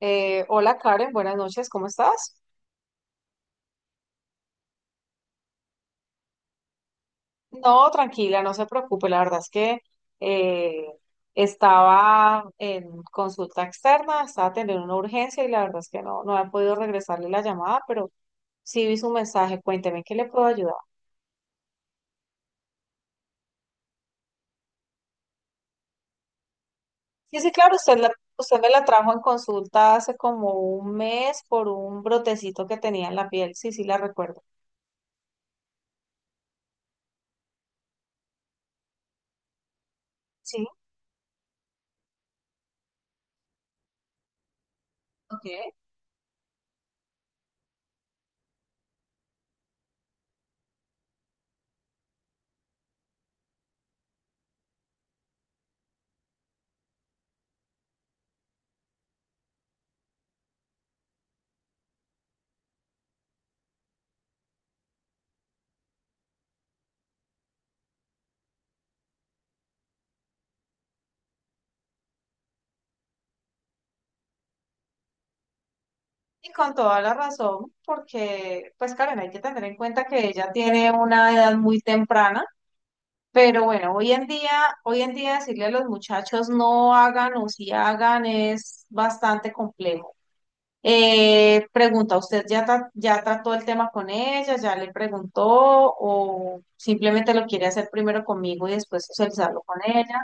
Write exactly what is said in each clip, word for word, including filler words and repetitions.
Eh, hola Karen, buenas noches, ¿cómo estás? No, tranquila, no se preocupe, la verdad es que eh, estaba en consulta externa, estaba teniendo una urgencia y la verdad es que no, no he podido regresarle la llamada, pero sí vi su mensaje, cuénteme, ¿en qué le puedo ayudar? Sí, sí, claro, usted, la- usted me la trajo en consulta hace como un mes por un brotecito que tenía en la piel, sí, sí, la recuerdo. Sí, ok. Y con toda la razón, porque, pues Karen, hay que tener en cuenta que ella tiene una edad muy temprana, pero bueno, hoy en día, hoy en día decirle a los muchachos no hagan o si hagan es bastante complejo. Eh, pregunta, ¿usted ya, tra- ya trató el tema con ella? ¿Ya le preguntó? ¿O simplemente lo quiere hacer primero conmigo y después socializarlo con ella?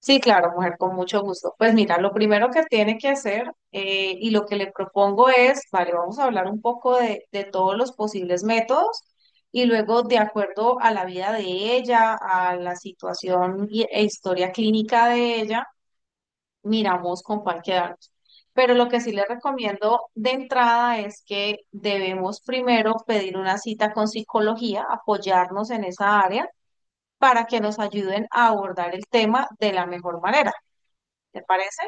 Sí, claro, mujer, con mucho gusto. Pues mira, lo primero que tiene que hacer eh, y lo que le propongo es, vale, vamos a hablar un poco de, de todos los posibles métodos y luego de acuerdo a la vida de ella, a la situación y- e historia clínica de ella, miramos con cuál quedarnos. Pero lo que sí le recomiendo de entrada es que debemos primero pedir una cita con psicología, apoyarnos en esa área para que nos ayuden a abordar el tema de la mejor manera. ¿Te parece?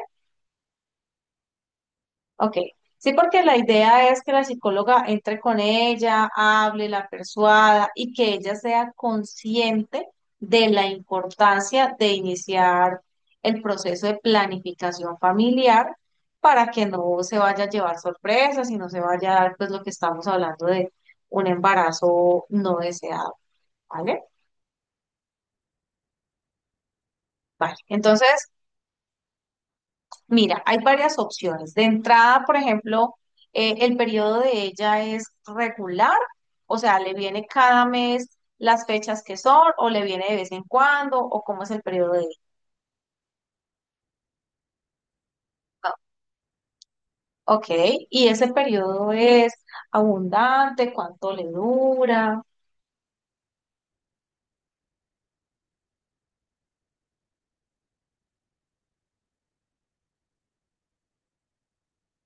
Ok. Sí, porque la idea es que la psicóloga entre con ella, hable, la persuada y que ella sea consciente de la importancia de iniciar el proceso de planificación familiar para que no se vaya a llevar sorpresas y no se vaya a dar pues lo que estamos hablando de un embarazo no deseado, ¿vale? Vale. Entonces, mira, hay varias opciones. De entrada, por ejemplo, eh, el periodo de ella es regular, o sea, le viene cada mes las fechas que son, o le viene de vez en cuando, o cómo es el periodo de ella. Ok, y ese periodo es abundante, ¿cuánto le dura?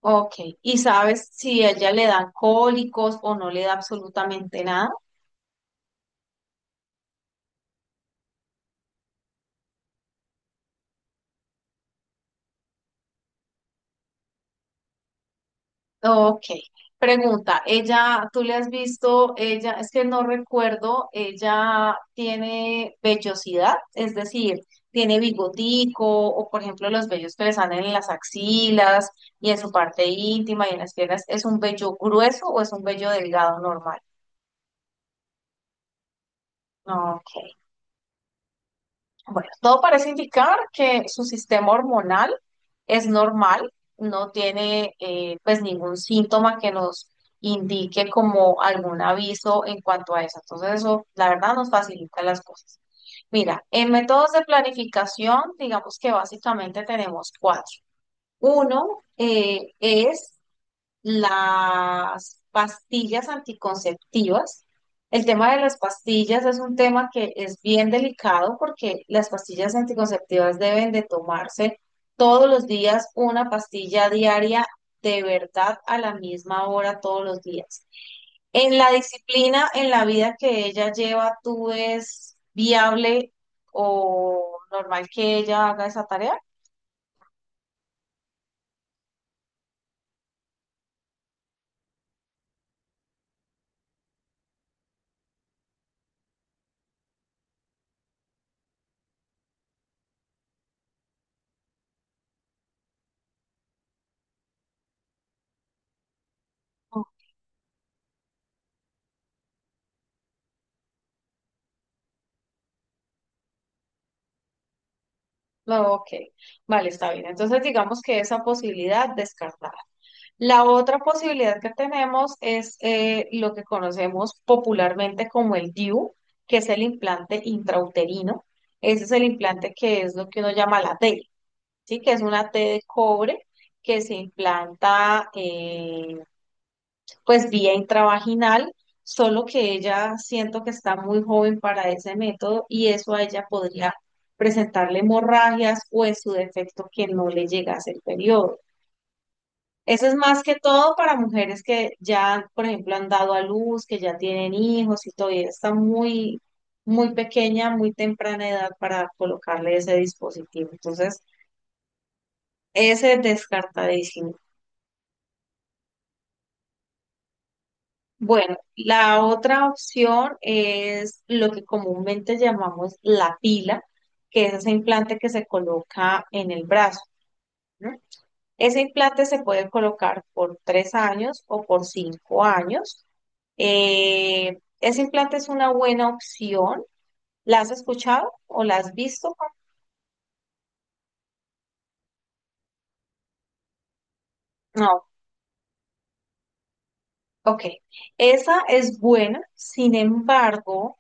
Ok, y sabes si a ella le dan cólicos o no le da absolutamente nada. Ok, pregunta, ella, tú le has visto, ella, es que no recuerdo, ella tiene vellosidad, es decir, tiene bigotico o por ejemplo los vellos que le salen en las axilas y en su parte íntima y en las piernas, ¿es un vello grueso o es un vello delgado normal? Ok. Bueno, todo parece indicar que su sistema hormonal es normal, no tiene eh, pues ningún síntoma que nos indique como algún aviso en cuanto a eso. Entonces eso, la verdad, nos facilita las cosas. Mira, en métodos de planificación, digamos que básicamente tenemos cuatro. Uno eh, es las pastillas anticonceptivas. El tema de las pastillas es un tema que es bien delicado porque las pastillas anticonceptivas deben de tomarse todos los días, una pastilla diaria de verdad a la misma hora todos los días. En la disciplina, en la vida que ella lleva, ¿tú es viable o normal que ella haga esa tarea? No, ok, vale, está bien. Entonces digamos que esa posibilidad descartada. La otra posibilidad que tenemos es eh, lo que conocemos popularmente como el D I U, que es el implante intrauterino. Ese es el implante que es lo que uno llama la T, ¿sí? Que es una T de cobre que se implanta eh, pues vía intravaginal, solo que ella siento que está muy joven para ese método y eso a ella podría presentarle hemorragias o en su defecto que no le llegase el periodo. Eso es más que todo para mujeres que ya, por ejemplo, han dado a luz, que ya tienen hijos y todavía está muy, muy pequeña, muy temprana edad para colocarle ese dispositivo. Entonces, ese es descartadísimo. Bueno, la otra opción es lo que comúnmente llamamos la pila, que es ese implante que se coloca en el brazo, ¿no? Ese implante se puede colocar por tres años o por cinco años. Eh, ese implante es una buena opción. ¿La has escuchado o la has visto? No, ok. Esa es buena, sin embargo,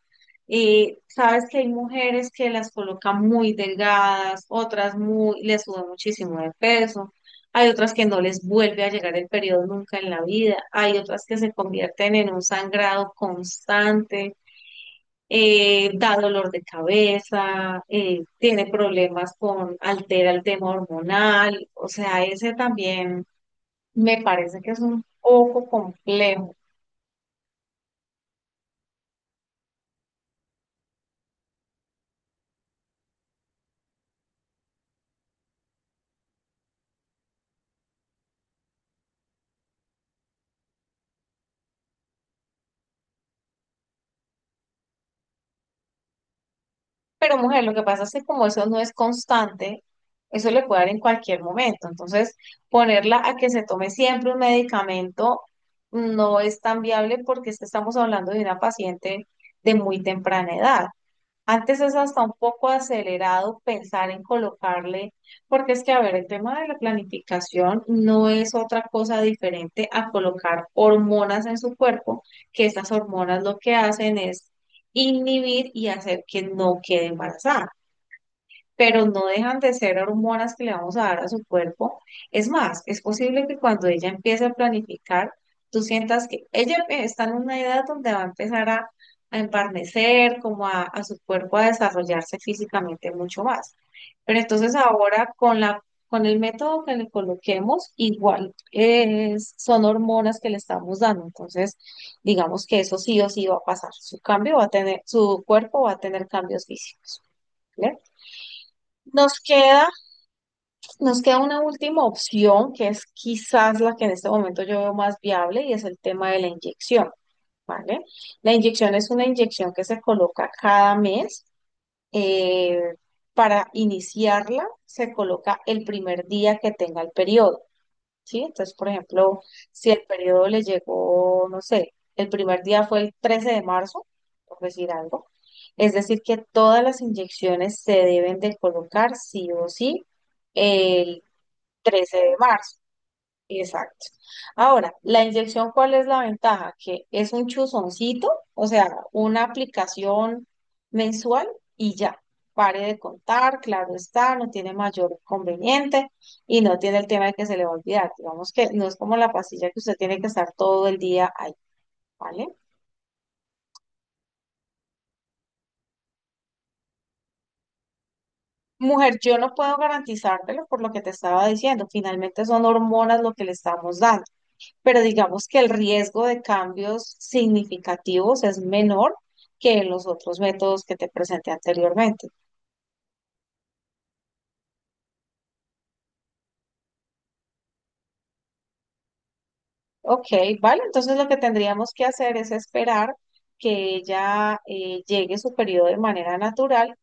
eh, sabes que hay mujeres que las colocan muy delgadas, otras muy, les sube muchísimo de peso, hay otras que no les vuelve a llegar el periodo nunca en la vida, hay otras que se convierten en un sangrado constante. eh, da dolor de cabeza, eh, tiene problemas con, altera el tema hormonal, o sea, ese también me parece que es un poco complejo. Pero mujer, lo que pasa es que como eso no es constante, eso le puede dar en cualquier momento. Entonces, ponerla a que se tome siempre un medicamento no es tan viable porque es que estamos hablando de una paciente de muy temprana edad. Antes es hasta un poco acelerado pensar en colocarle, porque es que, a ver, el tema de la planificación no es otra cosa diferente a colocar hormonas en su cuerpo, que estas hormonas lo que hacen es inhibir y hacer que no quede embarazada pero no dejan de ser hormonas que le vamos a dar a su cuerpo. Es más, es posible que cuando ella empiece a planificar, tú sientas que ella eh, está en una edad donde va a empezar a, a embarnecer, como a, a su cuerpo a desarrollarse físicamente mucho más. Pero entonces ahora con la, con el método que le coloquemos, igual es- son hormonas que le estamos dando. Entonces, digamos que eso sí o sí va a pasar. Su cambio va a tener, Su cuerpo va a tener cambios físicos. ¿Vale? Nos queda, nos queda una última opción que es quizás la que en este momento yo veo más viable y es el tema de la inyección, ¿vale? La inyección es una inyección que se coloca cada mes. eh, para iniciarla se coloca el primer día que tenga el periodo. ¿Sí? Entonces, por ejemplo, si el periodo le llegó, no sé, el primer día fue el trece de marzo, por decir algo, es decir, que todas las inyecciones se deben de colocar sí o sí el trece de marzo. Exacto. Ahora, la inyección, ¿cuál es la ventaja? Que es un chuzoncito, o sea, una aplicación mensual y ya. Pare de contar, claro está, no tiene mayor conveniente y no tiene el tema de que se le va a olvidar. Digamos que no es como la pastilla que usted tiene que estar todo el día ahí, ¿vale? Mujer, yo no puedo garantizártelo por lo que te estaba diciendo. Finalmente son hormonas lo que le estamos dando, pero digamos que el riesgo de cambios significativos es menor que en los otros métodos que te presenté anteriormente. Ok, vale, entonces lo que tendríamos que hacer es esperar que ella eh, llegue su periodo de manera natural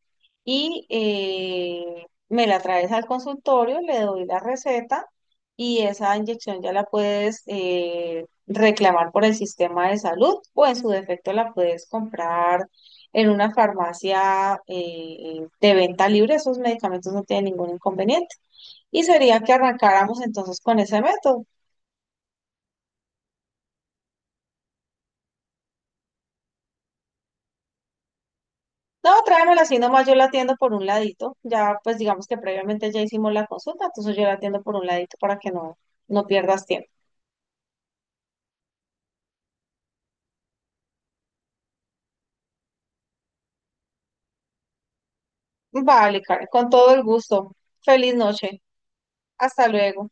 y eh, me la traes al consultorio, le doy la receta y esa inyección ya la puedes eh, reclamar por el sistema de salud o en su defecto la puedes comprar en una farmacia eh, de venta libre, esos medicamentos no tienen ningún inconveniente. Y sería que arrancáramos entonces con ese método. No, tráemela así nomás, yo la atiendo por un ladito. Ya, pues digamos que previamente ya hicimos la consulta, entonces yo la atiendo por un ladito para que no, no pierdas tiempo. Vale, Karen, con todo el gusto. Feliz noche. Hasta luego.